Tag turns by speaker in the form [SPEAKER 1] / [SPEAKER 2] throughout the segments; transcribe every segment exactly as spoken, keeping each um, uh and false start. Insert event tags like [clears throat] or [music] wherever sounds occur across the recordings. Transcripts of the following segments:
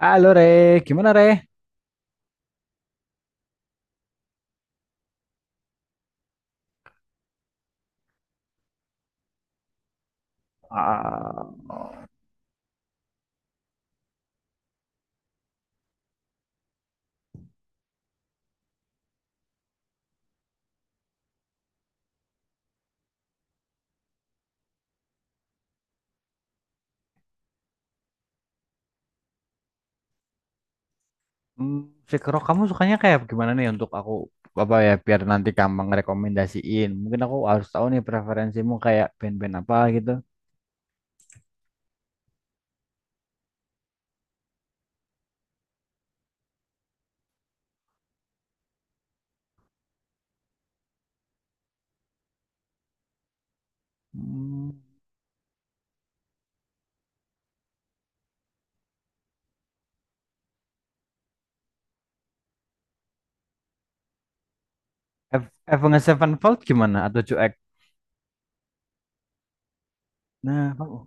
[SPEAKER 1] Halo Re, gimana Re? Ah, hmm, Fikro, kamu sukanya kayak gimana nih untuk aku apa ya biar nanti kamu ngerekomendasiin. Mungkin aku harus tahu nih preferensimu kayak band-band apa gitu. Hmm, Ev- Avenged Sevenfold gimana atau Joek? Nah, kamu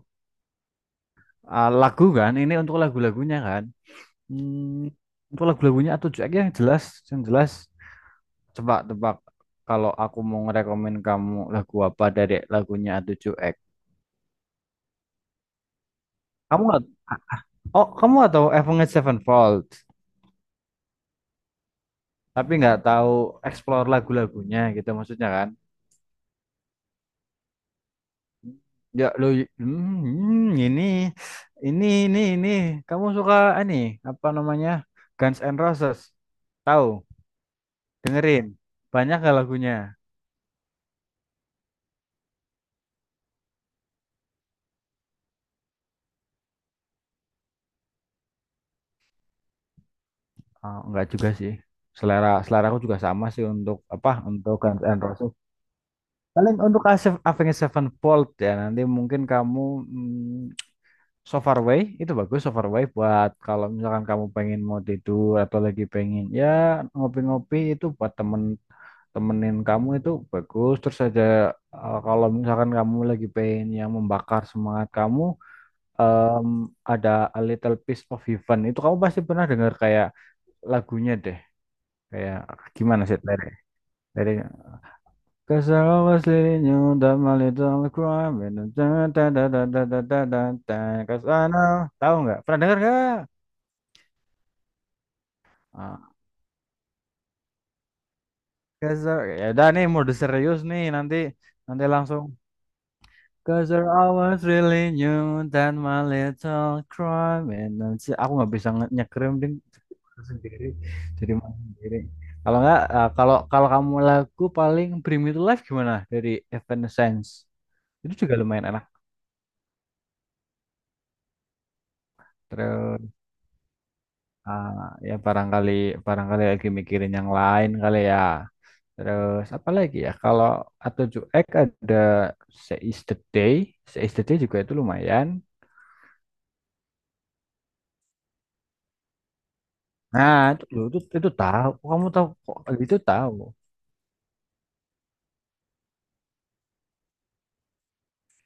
[SPEAKER 1] ah, lagu kan ini untuk lagu-lagunya kan. Hmm, untuk lagu-lagunya atau Joek yang jelas, yang jelas. Coba tebak kalau aku mau ngerekomen kamu lagu apa dari lagunya atau Joek. Kamu nggak Oh, kamu atau Avenged Sevenfold, tapi nggak tahu explore lagu-lagunya gitu maksudnya kan? Ya lu hmm, ini ini ini ini kamu suka ini apa namanya? Guns N' Roses. Tahu, dengerin. Banyak gak lagunya? Oh, enggak juga sih. Selera selera aku juga sama sih, untuk apa? Untuk Guns N' Roses. Paling untuk Ase- Avenged Sevenfold ya nanti mungkin kamu hmm, So Far, itu bagus So Far buat kalau misalkan kamu pengen mau tidur atau lagi pengen ya ngopi-ngopi, itu buat temen temenin kamu itu bagus. Terus aja eh, kalau misalkan kamu lagi pengen yang membakar semangat kamu em, ada A Little Piece of Heaven, itu kamu pasti pernah dengar. Kayak lagunya deh, kayak gimana sih lirik liriknya: cause I always leading you down my little crime and da da da da da da da da da- da- 'cause I know. Tahu nggak? Pernah dengar nggak? Ah, Gazer, ya udah nih mode serius nih, nanti nanti langsung cause I was really new that my little crime and, nanti aku nggak bisa nge- nyekrim ding sendiri, jadi main sendiri. Kalau nggak eh, kalau kalau kamu lagu paling Bring Me to Life gimana dari Evanescence. Itu juga lumayan enak. Terus ah, ya barangkali barangkali lagi mikirin yang lain kali ya. Terus apa lagi ya? Kalau A seven X ada Seize the Day. Seize the Day juga itu lumayan. Nah, itu, itu, itu tahu. Kamu tahu kok, itu tahu.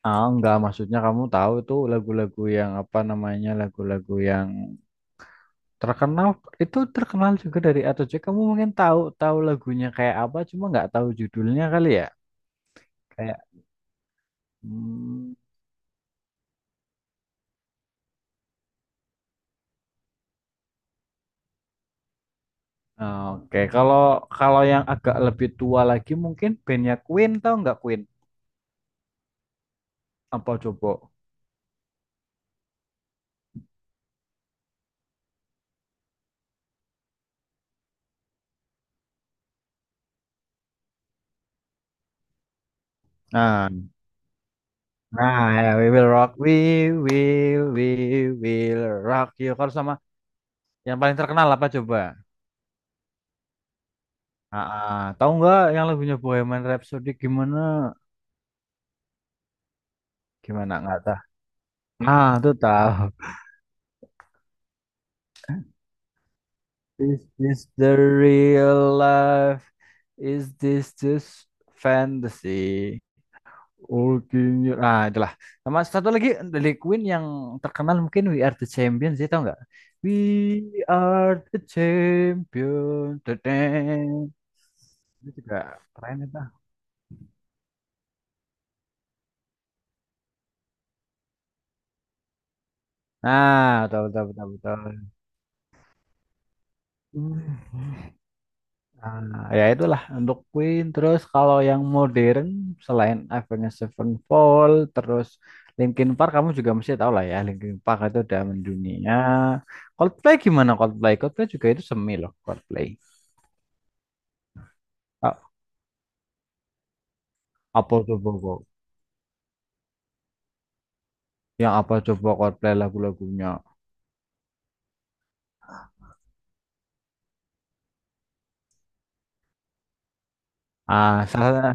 [SPEAKER 1] Ah, enggak, maksudnya kamu tahu itu lagu-lagu yang apa namanya? Lagu-lagu yang terkenal, itu terkenal juga dari A seven X. Kamu mungkin tahu tahu lagunya kayak apa, cuma nggak tahu judulnya kali ya. Kayak hmm, Oke. Kalau kalau yang agak lebih tua lagi mungkin bandnya Queen. Tahu nggak Queen? Apa coba? Nah, nah ya, We Will Rock, We Will, We Will Rock You. Kalau sama yang paling terkenal apa coba? Ah, ah, tahu nggak yang lagunya Bohemian Rhapsody gimana? Gimana nggak tahu? Ah, tuh tahu. Is this the real life? Is this just fantasy? Oke, ah itulah. Sama satu lagi dari Queen yang terkenal mungkin We Are the Champions, ya tau nggak? We are the champions, the— itu juga keren itu. Nah, betul betul betul betul. Hmm. Nah, ya itulah untuk Queen. Terus kalau yang modern selain Avenged Sevenfold, terus Linkin Park kamu juga mesti tahu lah ya. Linkin Park itu udah mendunia. Coldplay gimana Coldplay? Coldplay juga itu semi loh Coldplay. A- Apa coba kok? Yang apa coba Coldplay lagu-lagunya? Ah, salah.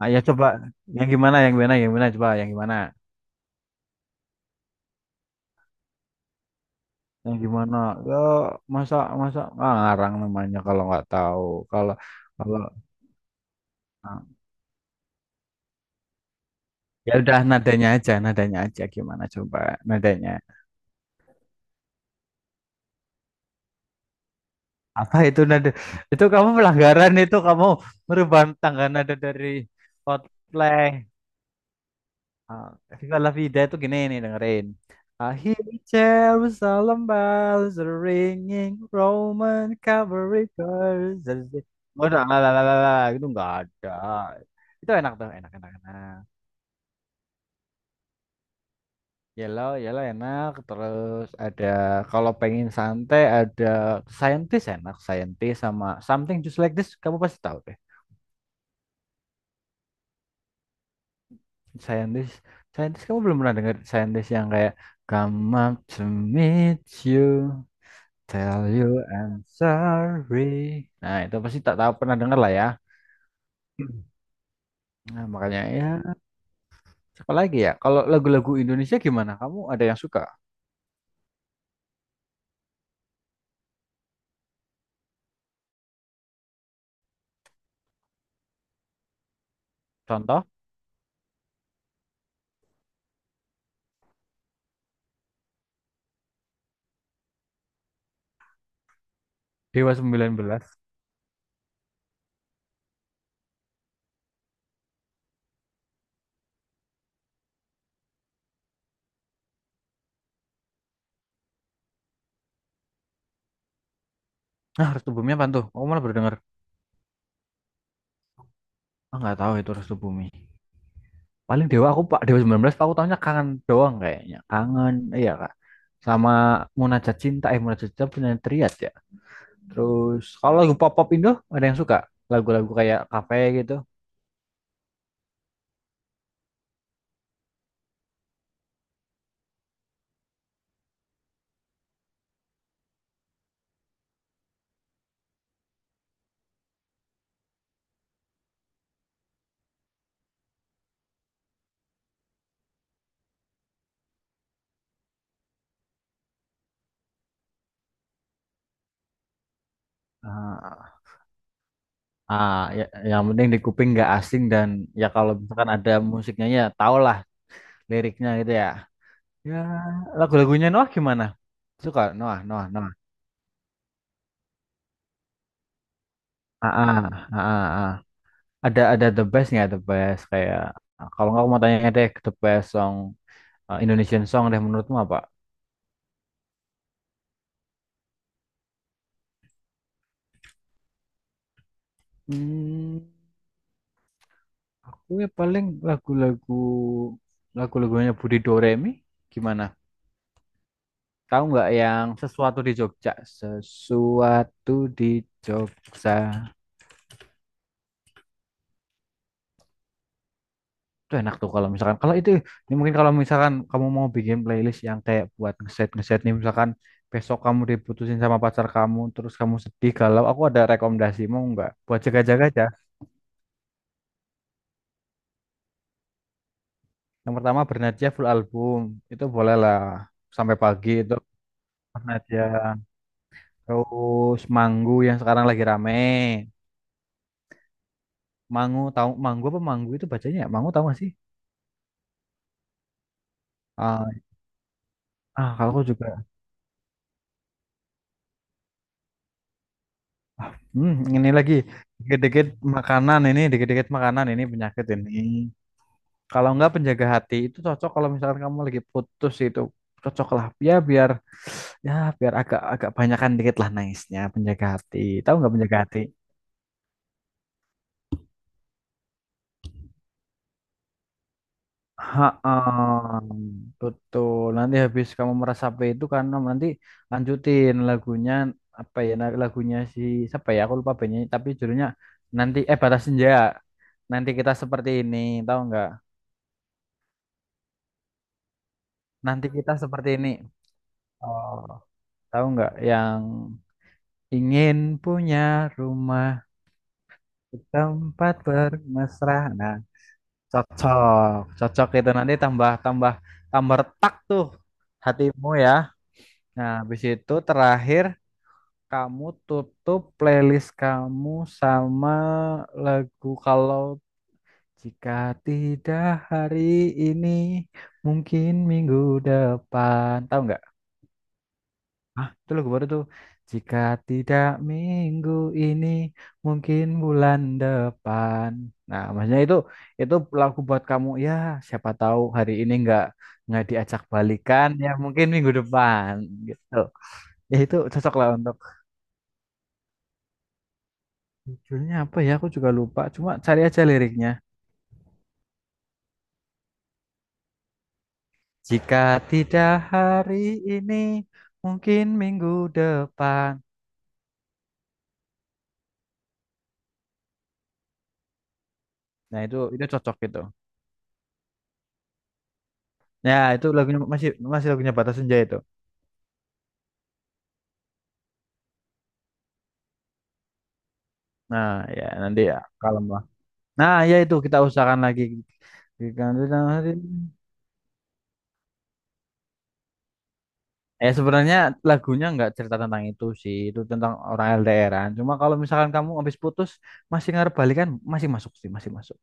[SPEAKER 1] Ah, ya, coba yang gimana? Yang gimana? Yang gimana? Coba yang gimana? Yang gimana? Ya masa masa ah, ngarang namanya kalau nggak tahu. Kalau kalau ah, ya udah nadanya aja, nadanya aja gimana coba nadanya. Apa itu nada? Itu kamu pelanggaran, itu kamu merubah tangga nada dari Coldplay. Ah, Viva La Vida itu gini nih, dengerin. I hear Jerusalem bells are ringing, Roman cavalry guards are— oh, la la la la la, itu enggak ada. Itu enak tuh, enak enak enak. Yellow, yellow enak. Terus ada kalau pengen santai ada Scientist enak. Scientist sama Something Just Like This kamu pasti tahu deh. Scientist, Scientist kamu belum pernah dengar? Scientist yang kayak come up to meet you, tell you I'm sorry. Nah itu pasti tak tahu, pernah dengar lah ya. [clears throat] Nah makanya ya, siapa lagi ya? Kalau lagu-lagu Indonesia gimana? Kamu ada yang suka? Contoh Dewa sembilan belas. Nah, Restu Bumi apa tuh? Aku malah baru dengar. Ah, nggak tahu itu Restu Bumi. Paling Dewa aku Pak, Dewa sembilan belas Pak, aku tahunya Kangen doang kayaknya. Kangen iya Kak. Sama Munajat Cinta, eh Munajat Cinta punya Triad ya. Terus kalau lagu pop-pop Indo ada yang suka lagu-lagu kayak Cafe gitu. Ah, ah, ya, yang penting di kuping nggak asing dan ya kalau misalkan ada musiknya ya tau lah liriknya gitu ya. Ya, lagu-lagunya Noah gimana? Suka Noah, Noah, Noah. Ah, ah, ah, ah, ah. Ada ada the best nggak? The best kayak ah, kalau nggak aku mau tanya deh the best song, eh, Indonesian song deh menurutmu apa? Hmm, aku ya paling lagu-lagu lagu-lagunya Budi Doremi gimana? Tahu nggak yang Sesuatu di Jogja? Sesuatu di Jogja. Itu enak tuh kalau misalkan, kalau itu ini mungkin kalau misalkan kamu mau bikin playlist yang kayak buat ngeset ngeset nih, misalkan besok kamu diputusin sama pacar kamu terus kamu sedih galau, aku ada rekomendasi mau nggak buat jaga-jaga aja. Yang pertama Bernadja full album itu boleh lah, Sampai Pagi itu Penadian. Terus Manggu yang sekarang lagi rame. Mangu tahu, Manggu apa Manggu itu bacanya ya? Manggu tahu gak sih? Ah, ah, kalau aku juga. Hmm, ini lagi dikit-dikit makanan ini, dikit-dikit makanan ini penyakit ini. Kalau enggak Penjaga Hati itu cocok kalau misalkan kamu lagi putus, itu cocok lah ya biar, ya biar agak agak banyakan dikit lah nice-nya Penjaga Hati. Tahu nggak Penjaga Hati? Ha, betul. Nanti habis kamu meresapi itu, karena nanti lanjutin lagunya apa ya? Nah, lagunya si siapa ya? Aku lupa penyanyi tapi judulnya nanti eh, Batas Senja. Nanti Kita Seperti Ini, tahu nggak? Nanti Kita Seperti Ini. Oh, tahu nggak yang ingin punya rumah di tempat bermesra? Nah, cocok, cocok itu nanti tambah tambah tambah retak tuh hatimu ya. Nah, habis itu terakhir kamu tutup playlist kamu sama lagu Kalau Jika Tidak Hari Ini Mungkin Minggu Depan. Tahu nggak? Ah, itu lagu baru tuh. Jika Tidak Minggu Ini Mungkin Bulan Depan. Nah, maksudnya itu itu lagu buat kamu ya. Siapa tahu hari ini nggak nggak diajak balikan ya mungkin minggu depan gitu. Ya itu cocok lah untuk— Judulnya apa ya? Aku juga lupa. Cuma cari aja liriknya. Jika tidak hari ini, mungkin minggu depan. Nah itu itu cocok gitu. Ya itu lagunya masih, masih lagunya Batas Senja itu. Nah ya nanti ya kalem lah. Nah ya itu kita usahakan lagi. Jika tidak hari ini. Eh, sebenarnya lagunya nggak cerita tentang itu sih. Itu tentang orang LDRan. Cuma kalau misalkan kamu habis putus masih ngarep balikan, masih masuk sih, masih masuk.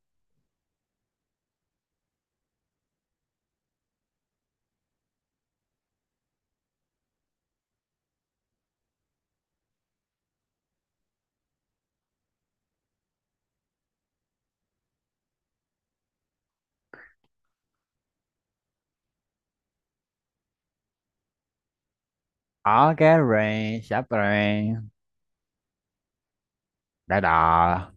[SPEAKER 1] Oke, Rain, siap Rain. Dadah.